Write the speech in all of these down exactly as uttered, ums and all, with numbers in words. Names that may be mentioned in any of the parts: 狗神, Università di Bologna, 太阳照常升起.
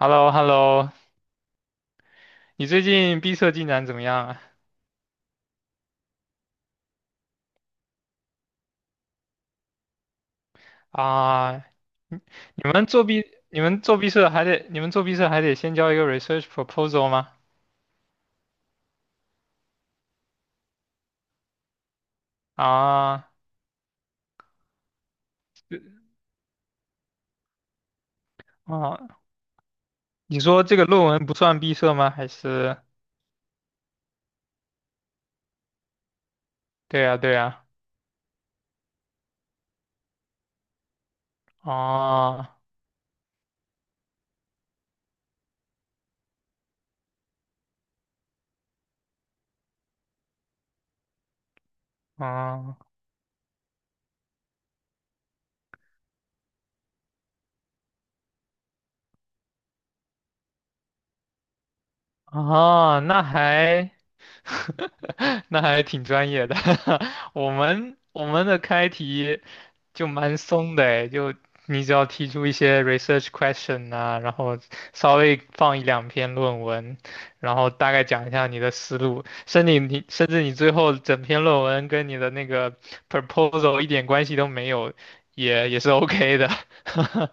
h e l l o h e l l o 你最近毕设进展怎么样啊？啊，你们做毕，你们做毕设还得，你们做毕设还得先交一个 research proposal 吗？啊，啊，哦你说这个论文不算毕设吗？还是？对呀，对呀，啊，啊，啊，哦那还。那还挺专业的。我们我们的开题就蛮松的诶，就你只要提出一些 research question 啊，然后稍微放一两篇论文，然后大概讲一下你的思路，甚至你甚至你最后整篇论文跟你的那个 proposal 一点关系都没有，也也是 OK 的。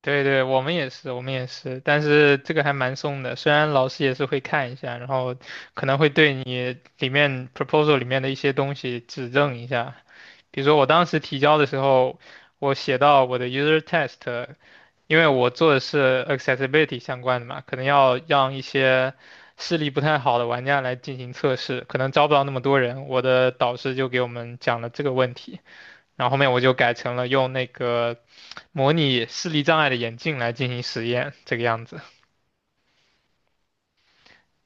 对对，我们也是，我们也是，但是这个还蛮松的，虽然老师也是会看一下，然后可能会对你里面 proposal 里面的一些东西指正一下。比如说我当时提交的时候，我写到我的 user test，因为我做的是 accessibility 相关的嘛，可能要让一些视力不太好的玩家来进行测试，可能招不到那么多人，我的导师就给我们讲了这个问题，然后后面我就改成了用那个。模拟视力障碍的眼镜来进行实验，这个样子。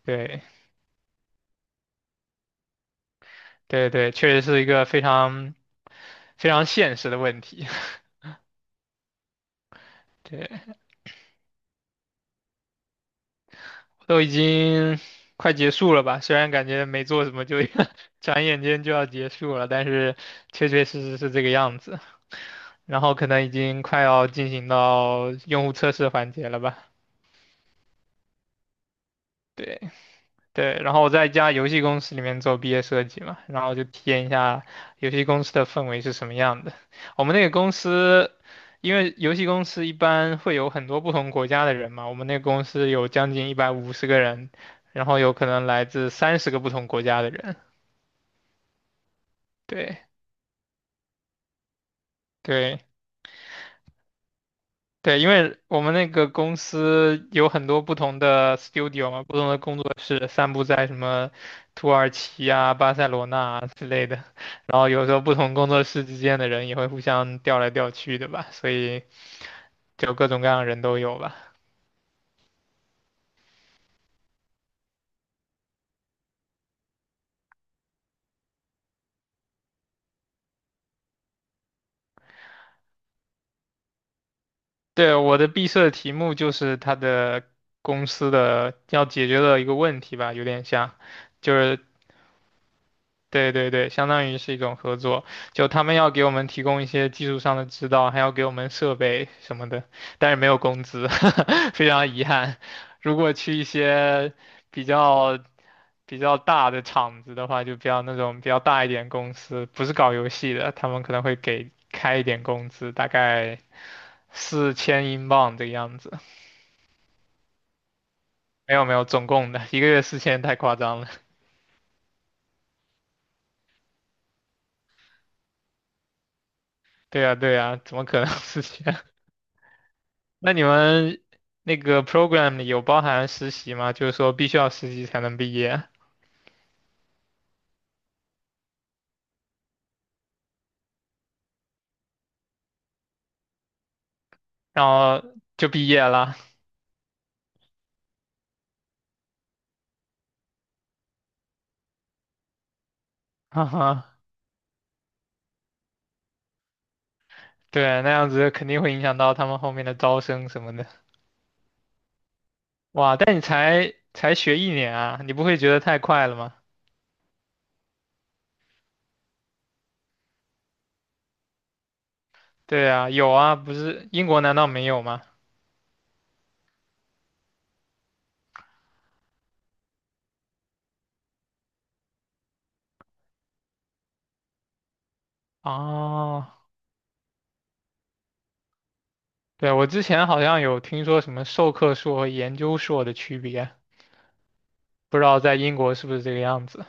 对对对，确实是一个非常非常现实的问题。对，都已经快结束了吧？虽然感觉没做什么就 转眼间就要结束了，但是确确实实是这个样子。然后可能已经快要进行到用户测试环节了吧？对。对，然后我在一家游戏公司里面做毕业设计嘛，然后就体验一下游戏公司的氛围是什么样的。我们那个公司，因为游戏公司一般会有很多不同国家的人嘛，我们那个公司有将近一百五十个人，然后有可能来自三十个不同国家的人。对对，对，因为我们那个公司有很多不同的 studio 嘛，不同的工作室散布在什么土耳其啊、巴塞罗那啊之类的，然后有时候不同工作室之间的人也会互相调来调去的吧，所以就各种各样的人都有吧。对，我的毕设的题目就是他的公司的要解决的一个问题吧，有点像，就是对对对，相当于是一种合作，就他们要给我们提供一些技术上的指导，还要给我们设备什么的，但是没有工资，非常遗憾。如果去一些比较比较大的厂子的话，就比较那种比较大一点公司，不是搞游戏的，他们可能会给开一点工资，大概四千英镑这个样子。没有没有，总共的一个月四千太夸张了。对呀对呀，怎么可能四千？那你们那个 program 里有包含实习吗？就是说必须要实习才能毕业，然后就毕业了。哈哈，对，那样子肯定会影响到他们后面的招生什么的。哇，但你才才学一年啊，你不会觉得太快了吗？对啊，有啊，不是英国难道没有吗？哦，对，我之前好像有听说什么授课硕和研究硕的区别，不知道在英国是不是这个样子。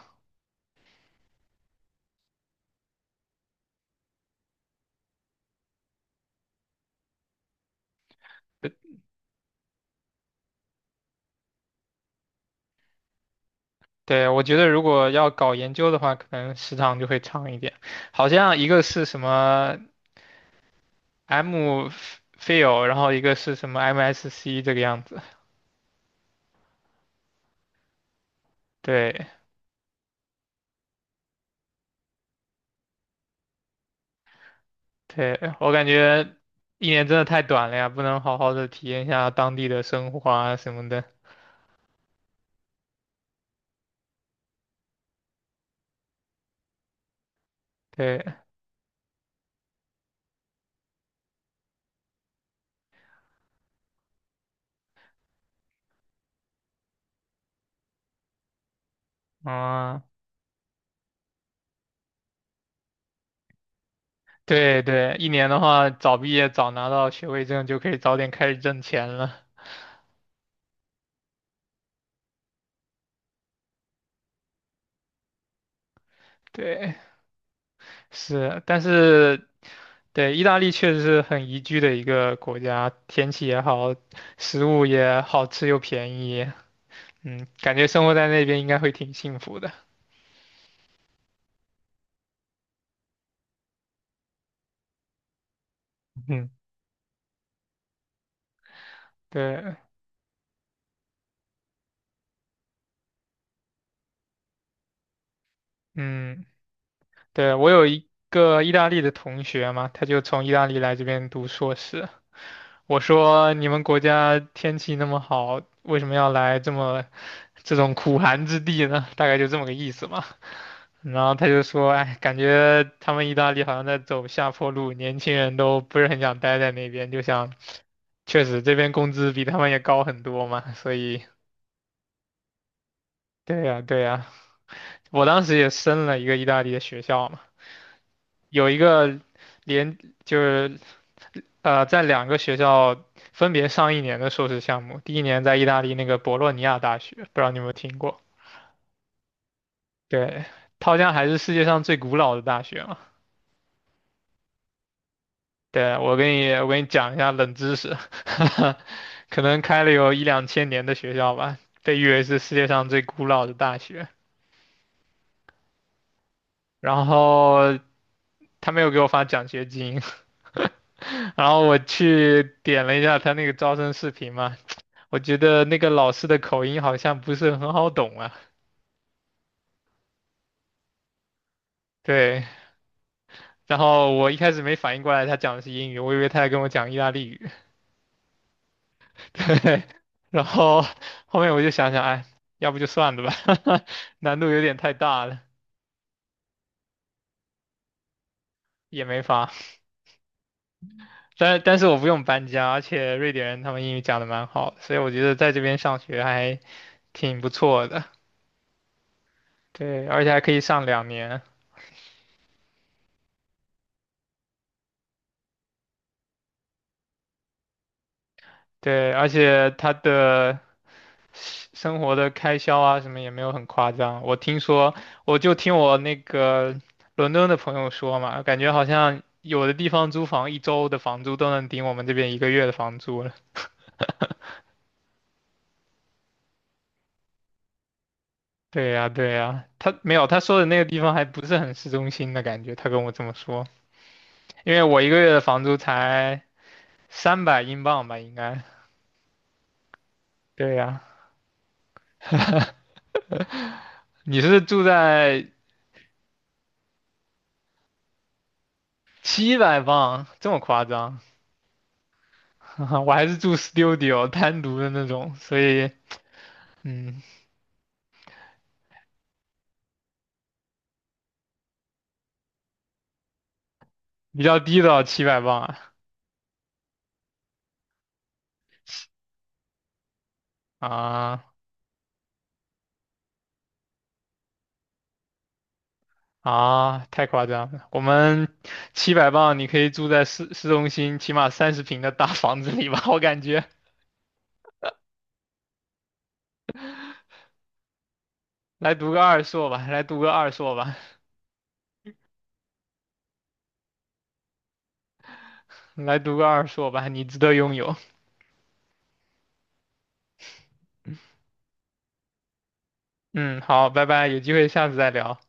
对，我觉得如果要搞研究的话，可能时长就会长一点。好像一个是什么 M P H I L 然后一个是什么 M S C 这个样子。对，对，我感觉一年真的太短了呀，不能好好的体验一下当地的生活啊什么的。对，嗯，对对，一年的话，早毕业早拿到学位证就可以早点开始挣钱了。对。是，但是对，意大利确实是很宜居的一个国家，天气也好，食物也好吃又便宜，嗯，感觉生活在那边应该会挺幸福的。嗯，对，嗯，对，我有一个意大利的同学嘛，他就从意大利来这边读硕士。我说你们国家天气那么好，为什么要来这么这种苦寒之地呢？大概就这么个意思嘛。然后他就说，哎，感觉他们意大利好像在走下坡路，年轻人都不是很想待在那边，就想，确实这边工资比他们也高很多嘛，所以，对呀，对呀，我当时也申了一个意大利的学校嘛。有一个连就是呃，在两个学校分别上一年的硕士项目，第一年在意大利那个博洛尼亚大学，不知道你有没有听过？对，它好像还是世界上最古老的大学嘛。对，我给你我给你讲一下冷知识，可能开了有一两千年的学校吧，被誉为是世界上最古老的大学。然后他没有给我发奖学金，然后我去点了一下他那个招生视频嘛，我觉得那个老师的口音好像不是很好懂啊。对，然后我一开始没反应过来他讲的是英语，我以为他在跟我讲意大利语。对，然后后面我就想想，哎，要不就算了吧，难度有点太大了，也没法。但但是我不用搬家，而且瑞典人他们英语讲的蛮好的所以我觉得在这边上学还挺不错的。对，而且还可以上两年。对，而且他的生活的开销啊，什么也没有很夸张。我听说，我就听我那个伦敦的朋友说嘛，感觉好像有的地方租房一周的房租都能顶我们这边一个月的房租了。对呀，对呀，他没有，他说的那个地方还不是很市中心的感觉，他跟我这么说，因为我一个月的房租才三百英镑吧，应该。对呀，你是住在七百镑，这么夸张？我还是住 studio 单独的那种，所以。嗯，比较低的七百磅啊啊啊！太夸张了，我们七百磅你可以住在市市中心起码三十平的大房子里吧？我感觉来读个二硕吧，来读个二硕吧，来读个二硕吧，你值得拥有。嗯，好，拜拜，有机会下次再聊。